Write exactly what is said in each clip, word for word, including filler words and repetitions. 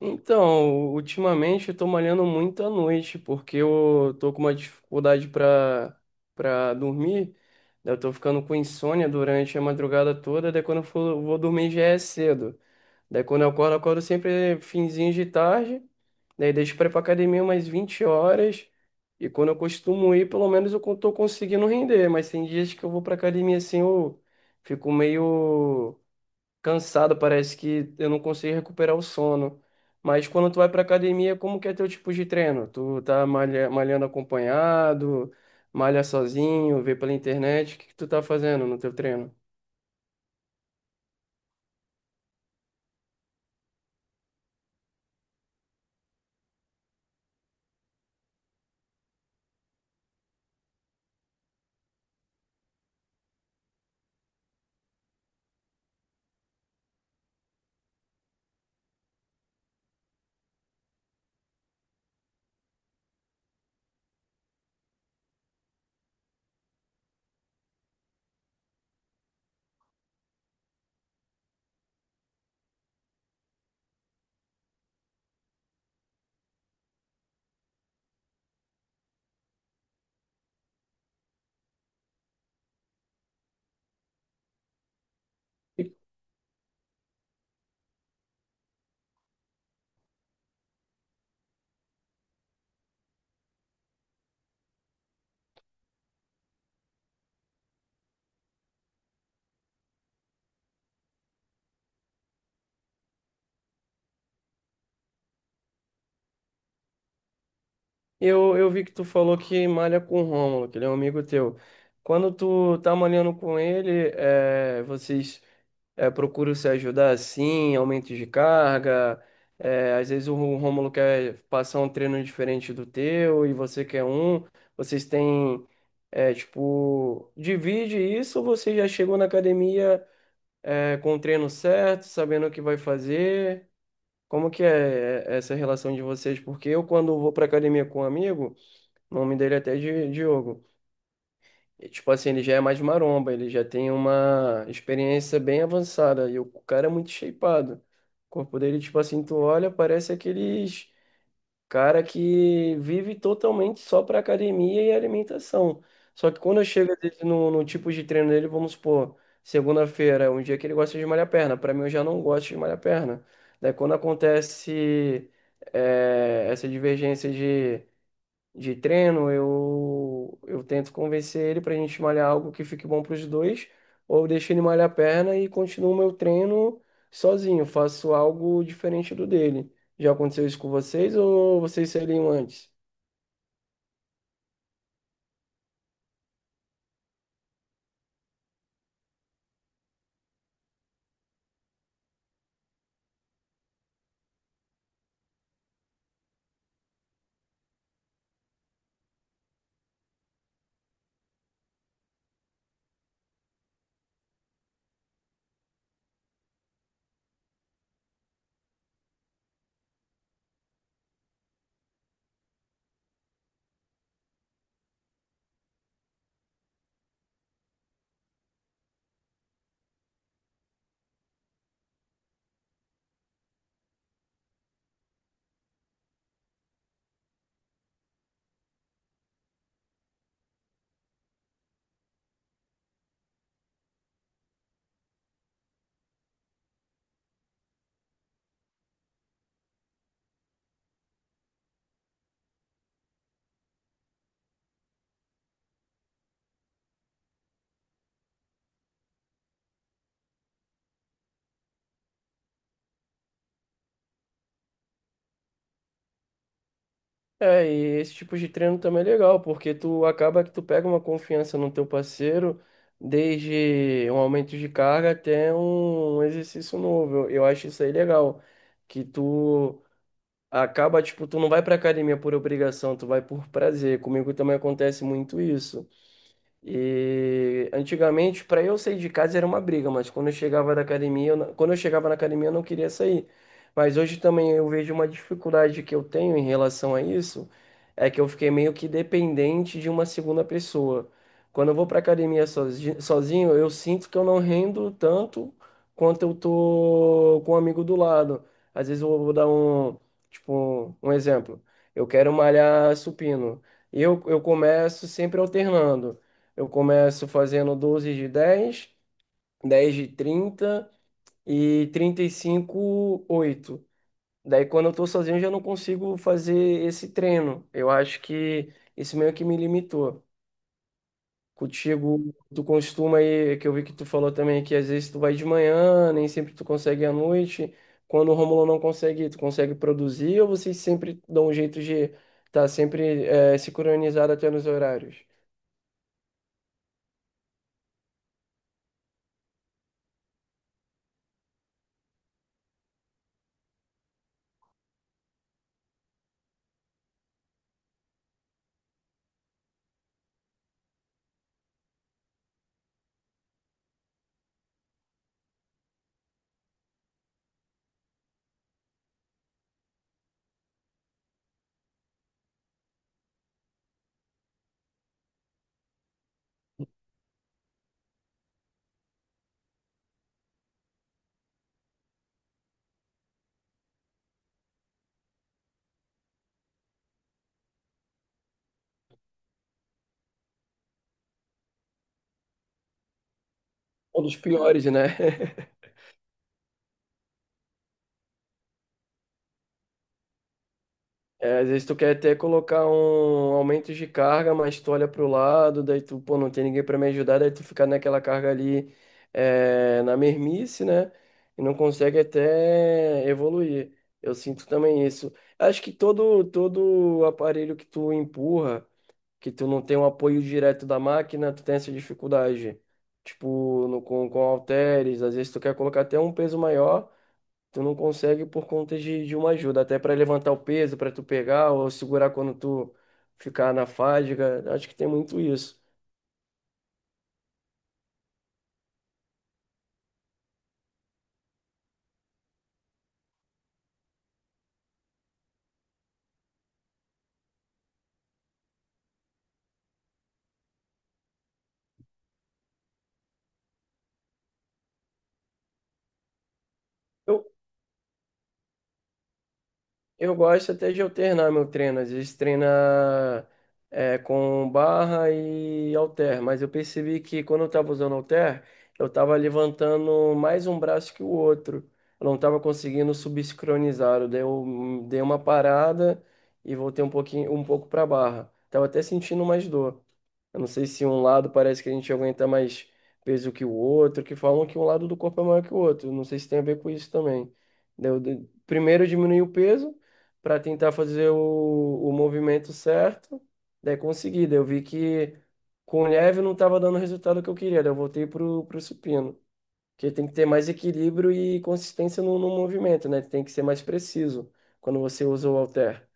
Então, ultimamente eu tô malhando muito à noite, porque eu tô com uma dificuldade pra, pra dormir. Daí eu tô ficando com insônia durante a madrugada toda, daí quando eu for, vou dormir já é cedo. Daí quando eu acordo, eu acordo sempre finzinho de tarde, daí deixo pra ir pra academia umas vinte horas, e quando eu costumo ir, pelo menos eu con- tô conseguindo render, mas tem dias que eu vou pra academia assim, eu fico meio cansado, parece que eu não consigo recuperar o sono. Mas quando tu vai pra academia, como que é teu tipo de treino? Tu tá malha- malhando acompanhado, malha sozinho, vê pela internet, o que que tu tá fazendo no teu treino? E Eu, eu vi que tu falou que malha com o Rômulo, que ele é um amigo teu. Quando tu tá malhando com ele, eh, vocês é, procuro se ajudar assim, aumentos de carga. É, às vezes o Rô- Rômulo quer passar um treino diferente do teu e você quer um. Vocês têm, é, tipo, divide isso ou você já chegou na academia, é, com o treino certo, sabendo o que vai fazer? Como que é é, essa relação de vocês? Porque eu, quando vou para academia com um amigo, o nome dele é até Di- Diogo. E, tipo assim, ele já é mais maromba, ele já tem uma experiência bem avançada. E o cara é muito shapeado. O corpo dele, tipo assim, tu olha, parece aqueles cara que vive totalmente só pra academia e alimentação. Só que quando eu chego às vezes, no, no tipo de treino dele, vamos supor, segunda-feira é um dia que ele gosta de malhar perna. Pra mim, eu já não gosto de malhar perna. Daí quando acontece eh, essa divergência de treino, eu, eu tento convencer ele pra gente malhar algo que fique bom pros dois, ou eu deixo ele malhar a perna e continuo meu treino sozinho, faço algo diferente do dele. Já aconteceu isso com vocês ou vocês seriam antes? É, e esse tipo de treino também é legal, porque tu acaba que tu pega uma confiança no teu parceiro, desde um aumento de carga até um exercício novo. Eu, eu acho isso aí legal, que tu acaba, tipo, tu não vai pra academia por obrigação, tu vai por prazer. Comigo também acontece muito isso. E antigamente, para eu sair de casa era uma briga, mas quando eu chegava da academia, eu não- quando eu chegava na academia, eu não queria sair. Mas hoje também eu vejo uma dificuldade que eu tenho em relação a isso, é que eu fiquei meio que dependente de uma segunda pessoa. Quando eu vou para academia sozi- sozinho, eu sinto que eu não rendo tanto quanto eu tô com um amigo do lado. Às vezes eu vou dar um, tipo, um exemplo. Eu quero malhar supino. Eu, eu começo sempre alternando. Eu começo fazendo doze de dez, dez de trinta e trinta e cinco oito. Daí, quando eu tô sozinho, eu já não consigo fazer esse treino. Eu acho que isso meio que me limitou. Contigo, tu costuma aí, que eu vi que tu falou também, que às vezes tu vai de manhã, nem sempre tu consegue à noite. Quando o Romulo não consegue, tu consegue produzir ou vocês sempre dão um jeito de estar sempre eh, sincronizado até nos horários? Ou dos piores, né? É, às vezes tu quer até colocar um aumento de carga, mas tu olha pro lado, daí tu, pô, não tem ninguém para me ajudar, daí tu fica naquela carga ali, é, na mermice, né? E não consegue até evoluir. Eu sinto também isso. Acho que todo, todo aparelho que tu empurra, que tu não tem um apoio direto da máquina, tu tem essa dificuldade. Tipo, no, com, com halteres, às vezes tu quer colocar até um peso maior. Tu não consegue por conta de, de uma ajuda, até para levantar o peso, para tu pegar ou segurar quando tu ficar na fadiga. Acho que tem muito isso. Eu, Eu gosto até de alternar meu treino. Às vezes treina é, com barra e halter, mas eu percebi que quando eu estava usando halter, eu estava levantando mais um braço que o outro. Eu não estava conseguindo subsincronizar. Eu dei, um- dei uma parada e voltei um pouquinho, um pouco para barra. Tava até sentindo mais dor. Eu não sei se um lado parece que a gente aguenta mais peso que o outro, que falam que um lado do corpo é maior que o outro. Não sei se tem a ver com isso também. Daí eu- de- Primeiro eu diminuí o peso para tentar fazer o, o movimento certo. Daí consegui. Daí eu vi que com leve não estava dando o resultado que eu queria. Daí eu voltei pro, pro supino. Porque tem que ter mais equilíbrio e consistência no, no movimento, né? Tem que ser mais preciso quando você usa o halter.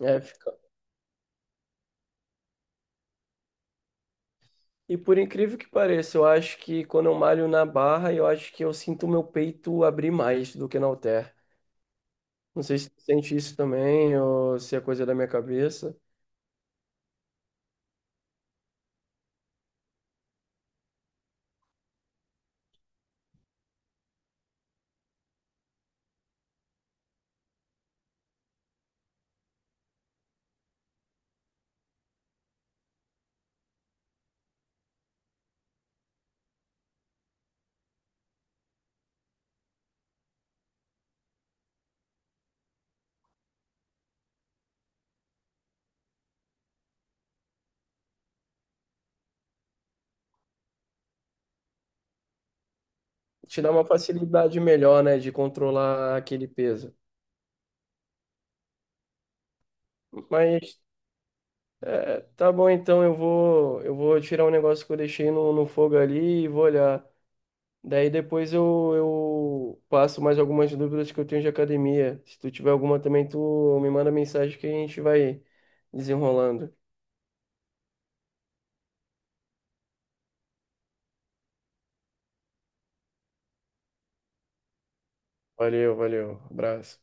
É. fica- E por incrível que pareça, eu acho que quando eu malho na barra, eu acho que eu sinto o meu peito abrir mais do que no halter. Não sei se tu sente isso também ou se é coisa da minha cabeça. Te dá uma facilidade melhor, né, de controlar aquele peso. Mas é, tá bom, então eu vou eu vou tirar um negócio que eu deixei no, no fogo ali e vou olhar. Daí depois eu, eu passo mais algumas dúvidas que eu tenho de academia. Se tu tiver alguma também, tu me manda mensagem que a gente vai desenrolando. Valeu, valeu. Abraço.